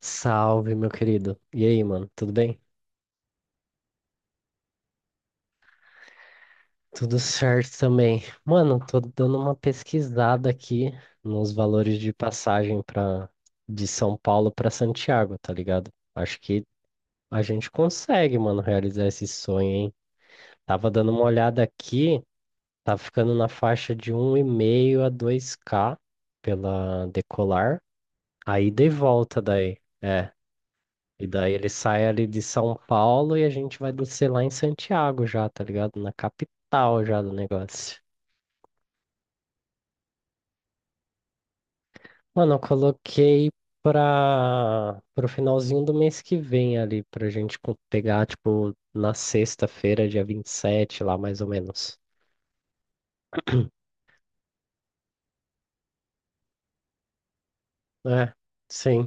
Salve, meu querido. E aí, mano? Tudo bem? Tudo certo também. Mano, tô dando uma pesquisada aqui nos valores de passagem para de São Paulo para Santiago, tá ligado? Acho que a gente consegue, mano, realizar esse sonho, hein? Tava dando uma olhada aqui, tá ficando na faixa de um e meio a dois k pela Decolar. Aí de volta daí. É. E daí ele sai ali de São Paulo e a gente vai descer lá em Santiago já, tá ligado? Na capital já do negócio. Mano, eu coloquei para pro finalzinho do mês que vem ali, pra gente pegar, tipo, na sexta-feira, dia 27 lá mais ou menos. É, sim.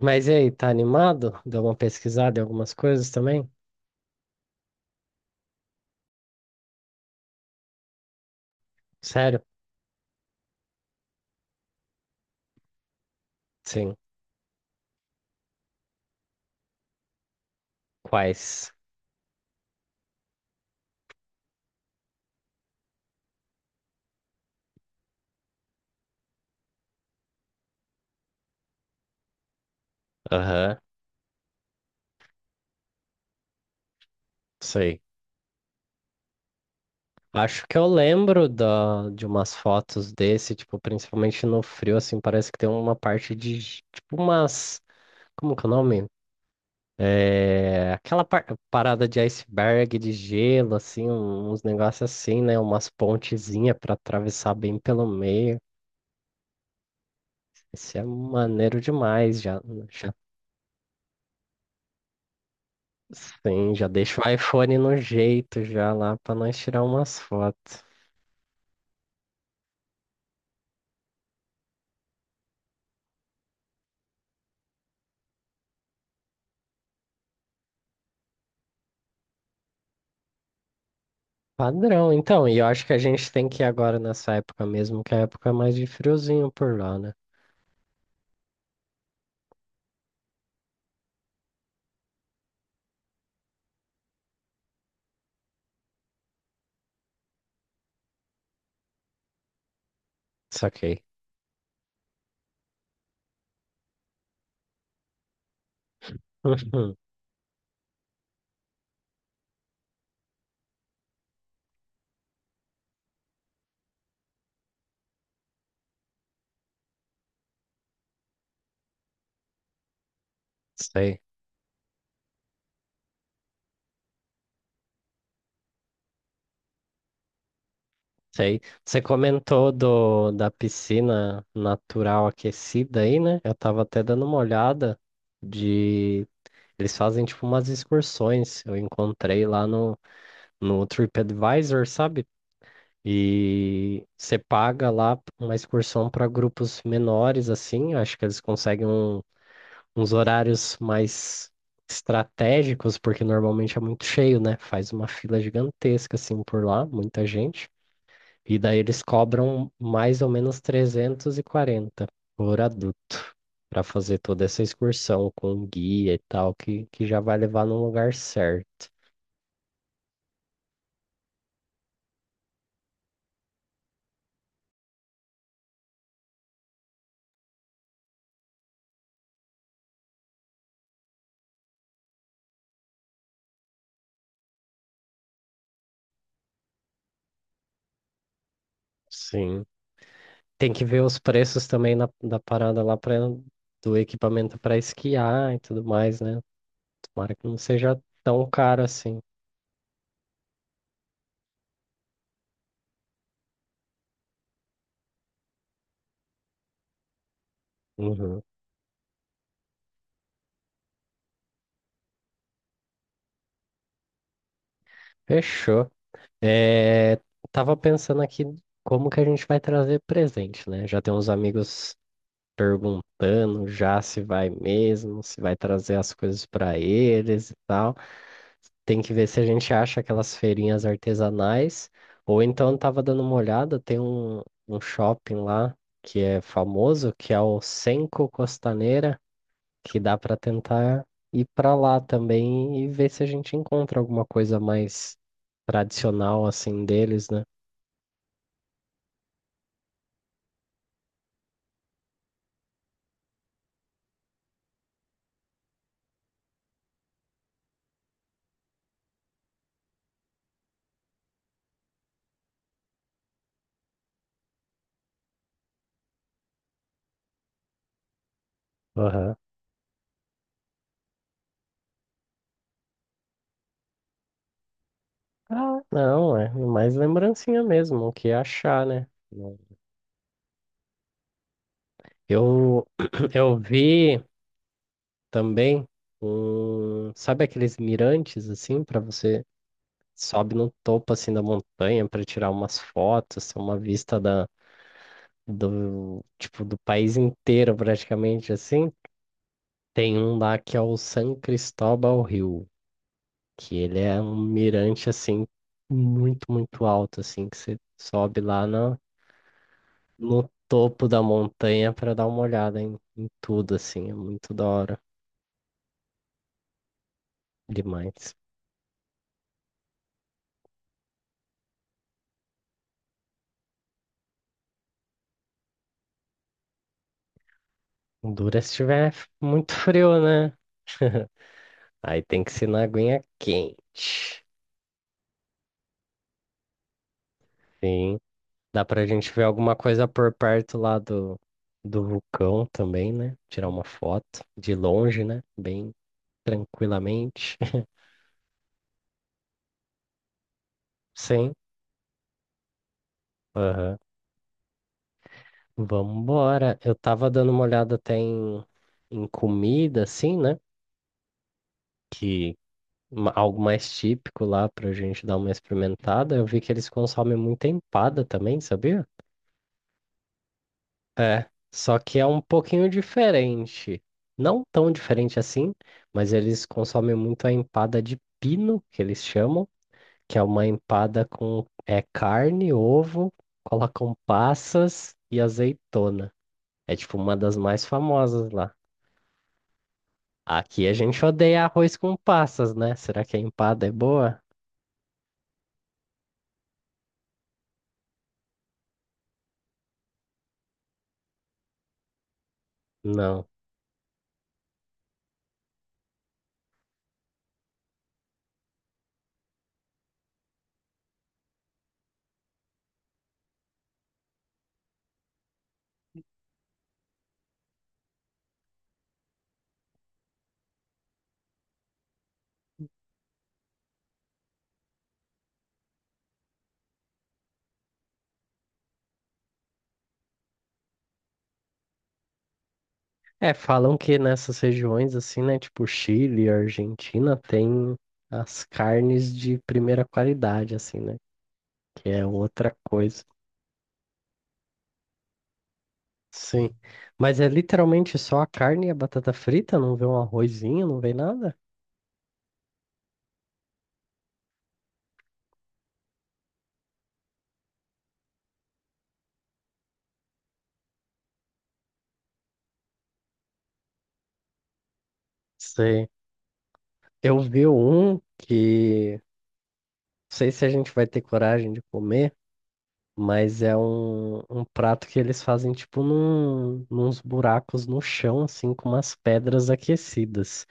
Mas e aí, tá animado? Deu uma pesquisada em algumas coisas também? Sério? Sim. Quais? Aham, sei. Acho que eu lembro da, de umas fotos desse, tipo, principalmente no frio, assim, parece que tem uma parte de, tipo, umas, como que é o nome? É, aquela parada de iceberg, de gelo, assim, uns negócios assim, né? Umas pontezinhas pra atravessar bem pelo meio. Isso é maneiro demais. Já, já, sim, já deixa o iPhone no jeito já lá pra nós tirar umas fotos. Padrão, então, e eu acho que a gente tem que ir agora nessa época mesmo, que é a época é mais de friozinho por lá, né? Saquei. Uhum. Sei, sei. Você comentou do, da piscina natural aquecida aí, né? Eu tava até dando uma olhada de. Eles fazem tipo umas excursões. Eu encontrei lá no TripAdvisor, sabe? E você paga lá uma excursão para grupos menores, assim. Acho que eles conseguem uns horários mais estratégicos, porque normalmente é muito cheio, né? Faz uma fila gigantesca assim por lá, muita gente. E daí eles cobram mais ou menos 340 por adulto para fazer toda essa excursão com guia e tal, que já vai levar no lugar certo. Sim. Tem que ver os preços também da parada lá pra, do equipamento para esquiar e tudo mais, né? Tomara que não seja tão caro assim. Uhum. Fechou. É, tava pensando aqui como que a gente vai trazer presente, né? Já tem uns amigos perguntando já se vai mesmo, se vai trazer as coisas para eles e tal. Tem que ver se a gente acha aquelas feirinhas artesanais. Ou então eu tava dando uma olhada, tem um shopping lá que é famoso, que é o Senco Costaneira, que dá para tentar ir para lá também e ver se a gente encontra alguma coisa mais tradicional assim deles, né? Aham. Ah, não, é mais lembrancinha mesmo, o que achar, né? Não. Eu, eu vi também um, sabe aqueles mirantes assim, para você sobe no topo assim da montanha para tirar umas fotos, ter uma vista do, tipo, do país inteiro praticamente assim. Tem um lá que é o San Cristóbal Hill, que ele é um mirante assim muito, muito alto assim, que você sobe lá no topo da montanha pra dar uma olhada em tudo, assim. É muito da hora demais. O Dura é se tiver muito frio, né? Aí tem que ser na aguinha quente. Sim. Dá pra gente ver alguma coisa por perto lá do vulcão também, né? Tirar uma foto de longe, né? Bem tranquilamente. Sim. Aham. Vambora. Eu tava dando uma olhada até em comida, assim, né? Que, algo mais típico lá pra gente dar uma experimentada. Eu vi que eles consomem muita empada também, sabia? É, só que é um pouquinho diferente. Não tão diferente assim, mas eles consomem muito a empada de pino, que eles chamam, que é uma empada com é carne, ovo, colocam passas e azeitona. É tipo uma das mais famosas lá. Aqui a gente odeia arroz com passas, né? Será que a empada é boa? Não. É, falam que nessas regiões, assim, né, tipo Chile, e Argentina, tem as carnes de primeira qualidade, assim, né, que é outra coisa. Sim, mas é literalmente só a carne e a batata frita, não vê um arrozinho, não vê nada? Sei. Eu vi um que, não sei se a gente vai ter coragem de comer, mas é um prato que eles fazem, tipo, nos buracos no chão, assim, com umas pedras aquecidas.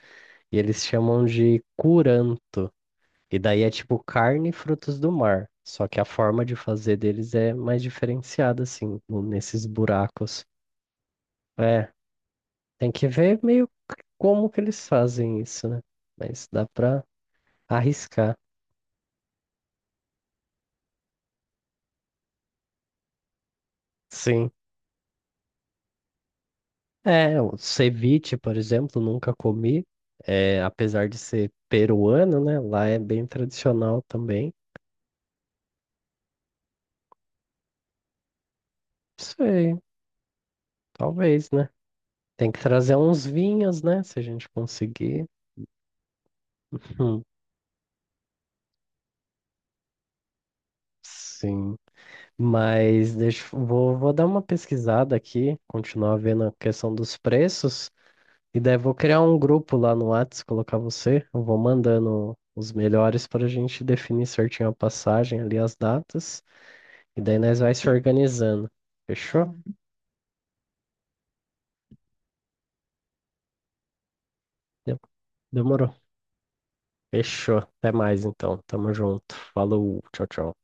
E eles chamam de curanto. E daí é tipo carne e frutos do mar. Só que a forma de fazer deles é mais diferenciada, assim, nesses buracos. É, tem que ver meio como que eles fazem isso, né? Mas dá pra arriscar. Sim. É, o ceviche, por exemplo, nunca comi. É, apesar de ser peruano, né? Lá é bem tradicional também. Sei, talvez, né? Tem que trazer uns vinhos, né? Se a gente conseguir. Sim, mas deixa, vou, vou dar uma pesquisada aqui, continuar vendo a questão dos preços, e daí vou criar um grupo lá no Whats, colocar você, eu vou mandando os melhores para a gente definir certinho a passagem ali, as datas, e daí nós vai se organizando. Fechou? Hum. De- Demorou. Fechou. Até mais então. Tamo junto. Falou. Tchau, tchau.